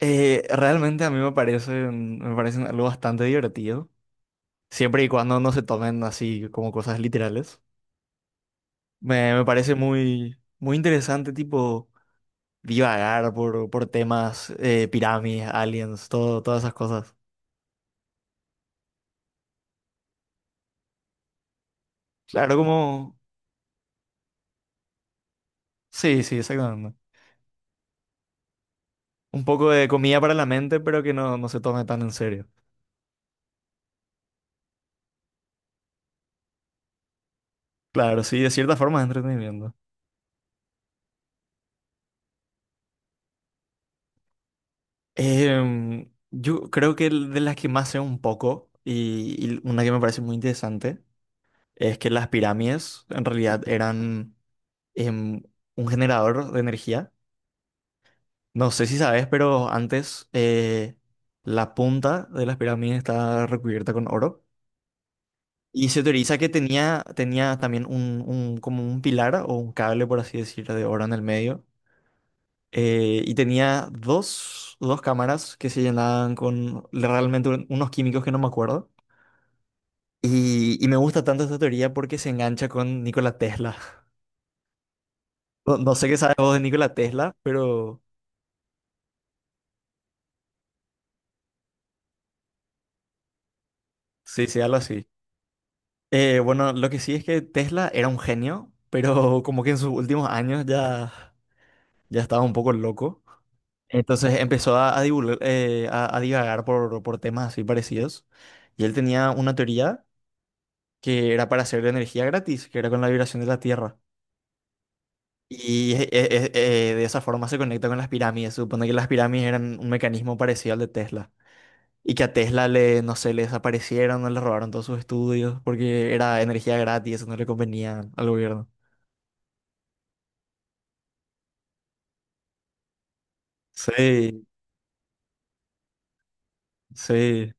Realmente a mí me parecen algo bastante divertido, siempre y cuando no se tomen así como cosas literales. Me parece muy, muy interesante, tipo, divagar por temas, pirámides, aliens, todo, todas esas cosas. Claro, como... Sí, sí, exactamente. Un poco de comida para la mente, pero que no, no se tome tan en serio. Claro, sí, de cierta forma es entretenimiento. Yo creo que de las que más sé un poco, y una que me parece muy interesante es que las pirámides en realidad eran em, un generador de energía. No sé si sabes, pero antes la punta de las pirámides estaba recubierta con oro. Y se teoriza que tenía, tenía también un, como un pilar o un cable, por así decirlo, de oro en el medio. Y tenía dos, dos cámaras que se llenaban con realmente unos químicos que no me acuerdo. Y me gusta tanto esta teoría porque se engancha con Nikola Tesla. No, no sé qué sabes vos de Nikola Tesla, pero sí, sí, algo así. Bueno, lo que sí es que Tesla era un genio, pero como que en sus últimos años ya, ya estaba un poco loco. Entonces empezó a divagar por temas así parecidos. Y él tenía una teoría que era para hacer energía gratis, que era con la vibración de la Tierra. Y de esa forma se conecta con las pirámides. Se supone que las pirámides eran un mecanismo parecido al de Tesla. Y que a Tesla le, no sé, le desaparecieron, no le robaron todos sus estudios porque era energía gratis, eso no le convenía al gobierno. Sí, sí.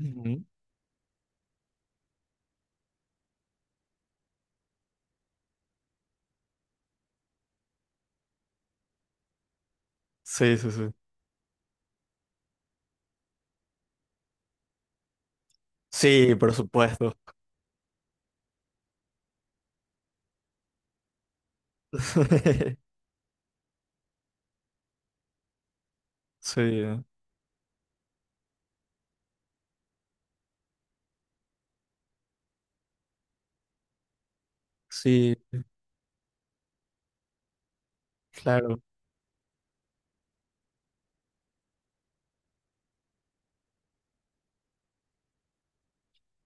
Ujú. Sí, sí, sí. Sí, por supuesto. Sí, ¿eh? Sí, claro.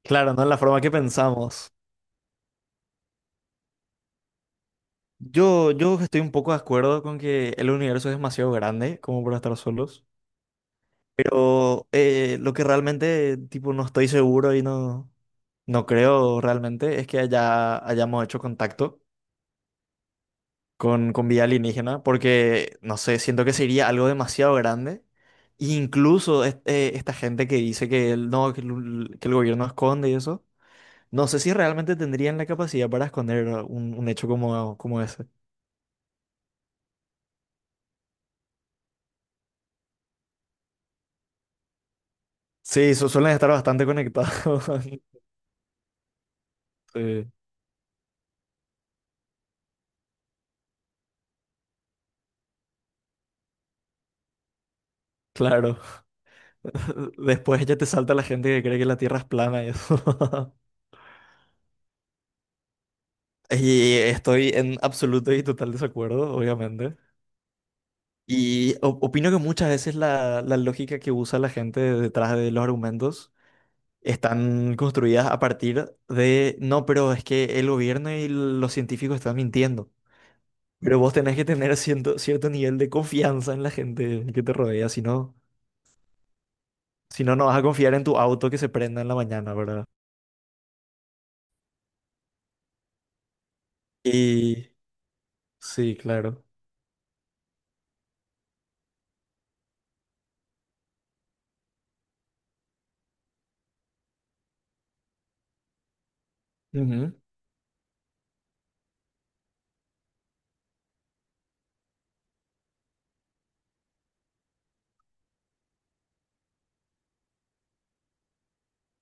Claro, ¿no? Es la forma que pensamos. Yo estoy un poco de acuerdo con que el universo es demasiado grande como para estar solos. Pero lo que realmente, tipo, no estoy seguro y no, no creo realmente es que haya, hayamos hecho contacto con vida alienígena, porque, no sé, siento que sería algo demasiado grande. E incluso esta gente que dice que el, no, que el gobierno esconde y eso, no sé si realmente tendrían la capacidad para esconder un hecho como, como ese. Sí, suelen estar bastante conectados. Sí, claro. Después ya te salta la gente que cree que la Tierra es plana y eso. Y estoy en absoluto y total desacuerdo, obviamente. Y opino que muchas veces la, la lógica que usa la gente detrás de los argumentos están construidas a partir de, no, pero es que el gobierno y los científicos están mintiendo. Pero vos tenés que tener cierto, cierto nivel de confianza en la gente que te rodea, si no, si no, no vas a confiar en tu auto que se prenda en la mañana, ¿verdad? Y sí, claro. Ujú.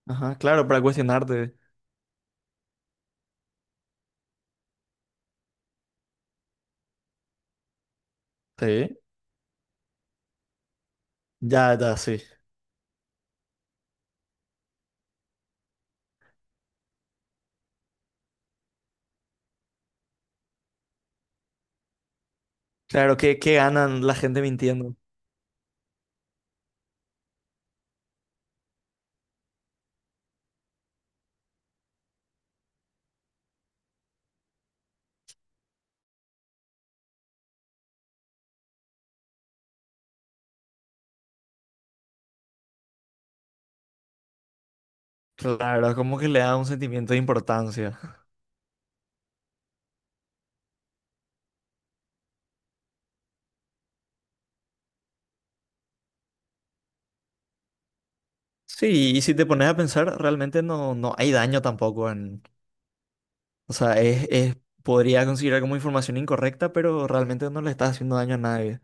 Ajá, claro, para cuestionarte. Sí, ya, ya, sí. Claro, ¿qué, qué ganan la gente mintiendo? Claro, como que le da un sentimiento de importancia. Sí, y si te pones a pensar, realmente no, no hay daño tampoco en... O sea, es, podría considerar como información incorrecta, pero realmente no le está haciendo daño a nadie.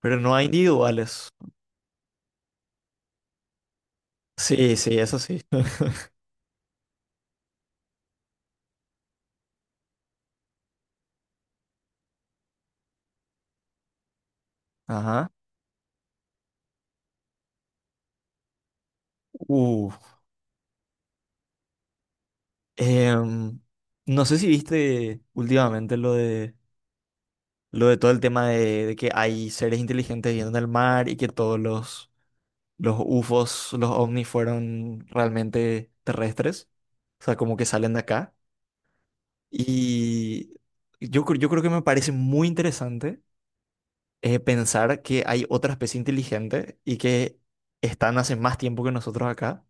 Pero no hay individuales. Sí, sí, eso sí. Ajá. Uh, em, no sé si viste últimamente lo de lo de todo el tema de que hay seres inteligentes viviendo en el mar y que todos los UFOs, los ovnis fueron realmente terrestres, o sea, como que salen de acá. Y yo, yo creo que me parece muy interesante pensar que hay otra especie inteligente y que están hace más tiempo que nosotros acá.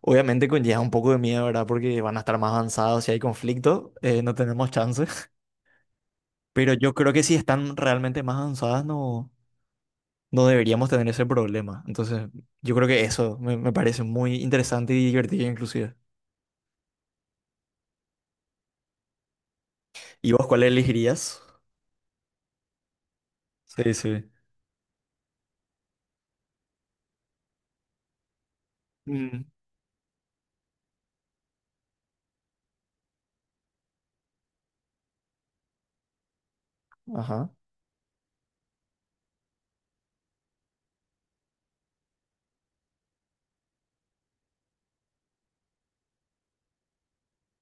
Obviamente conlleva un poco de miedo, ¿verdad? Porque van a estar más avanzados, si hay conflicto, no tenemos chances. Pero yo creo que si están realmente más avanzadas, no, no deberíamos tener ese problema. Entonces, yo creo que eso me parece muy interesante y divertido inclusive. ¿Y vos cuál elegirías? Sí, sí. Mm. Ajá.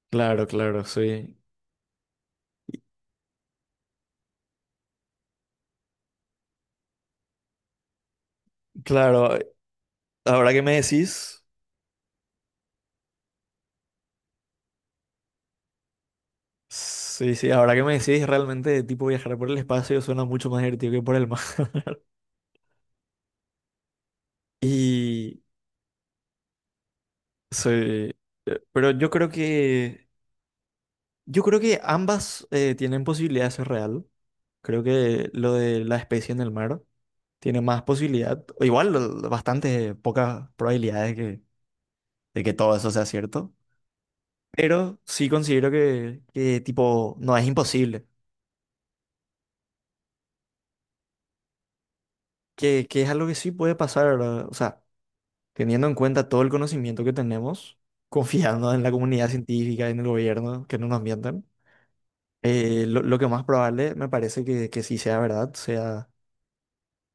Claro, claro, sí. Claro, ahora que me decís, sí, sí, ahora que me decís, realmente tipo viajar por el espacio suena mucho más divertido que por el mar. Y sí, pero yo creo que ambas tienen posibilidad de ser real. Creo que lo de la especie en el mar tiene más posibilidad, o igual bastante pocas probabilidades que, de que todo eso sea cierto, pero sí considero que, tipo no es imposible, que es algo que sí puede pasar, ¿verdad? O sea, teniendo en cuenta todo el conocimiento que tenemos, confiando en la comunidad científica, en el gobierno, que no nos mientan, lo que más probable me parece que sí sea verdad, sea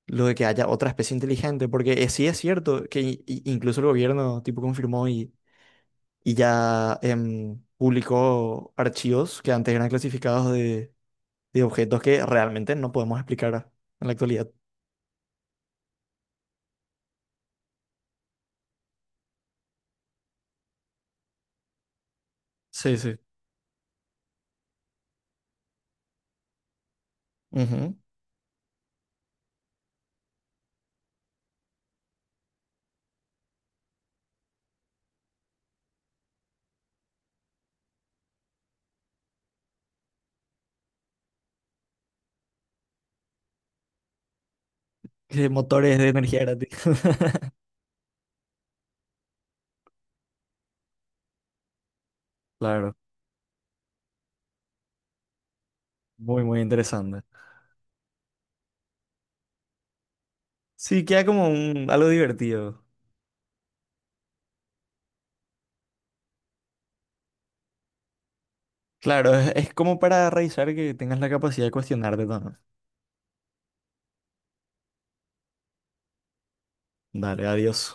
lo de que haya otra especie inteligente, porque sí es cierto que incluso el gobierno tipo confirmó y ya publicó archivos que antes eran clasificados de objetos que realmente no podemos explicar en la actualidad. Sí, sí. Ujú. Motores de energía gratis. Claro, muy, muy interesante. Sí, queda como un, algo divertido. Claro, es como para revisar que tengas la capacidad de cuestionarte también. Dale, adiós.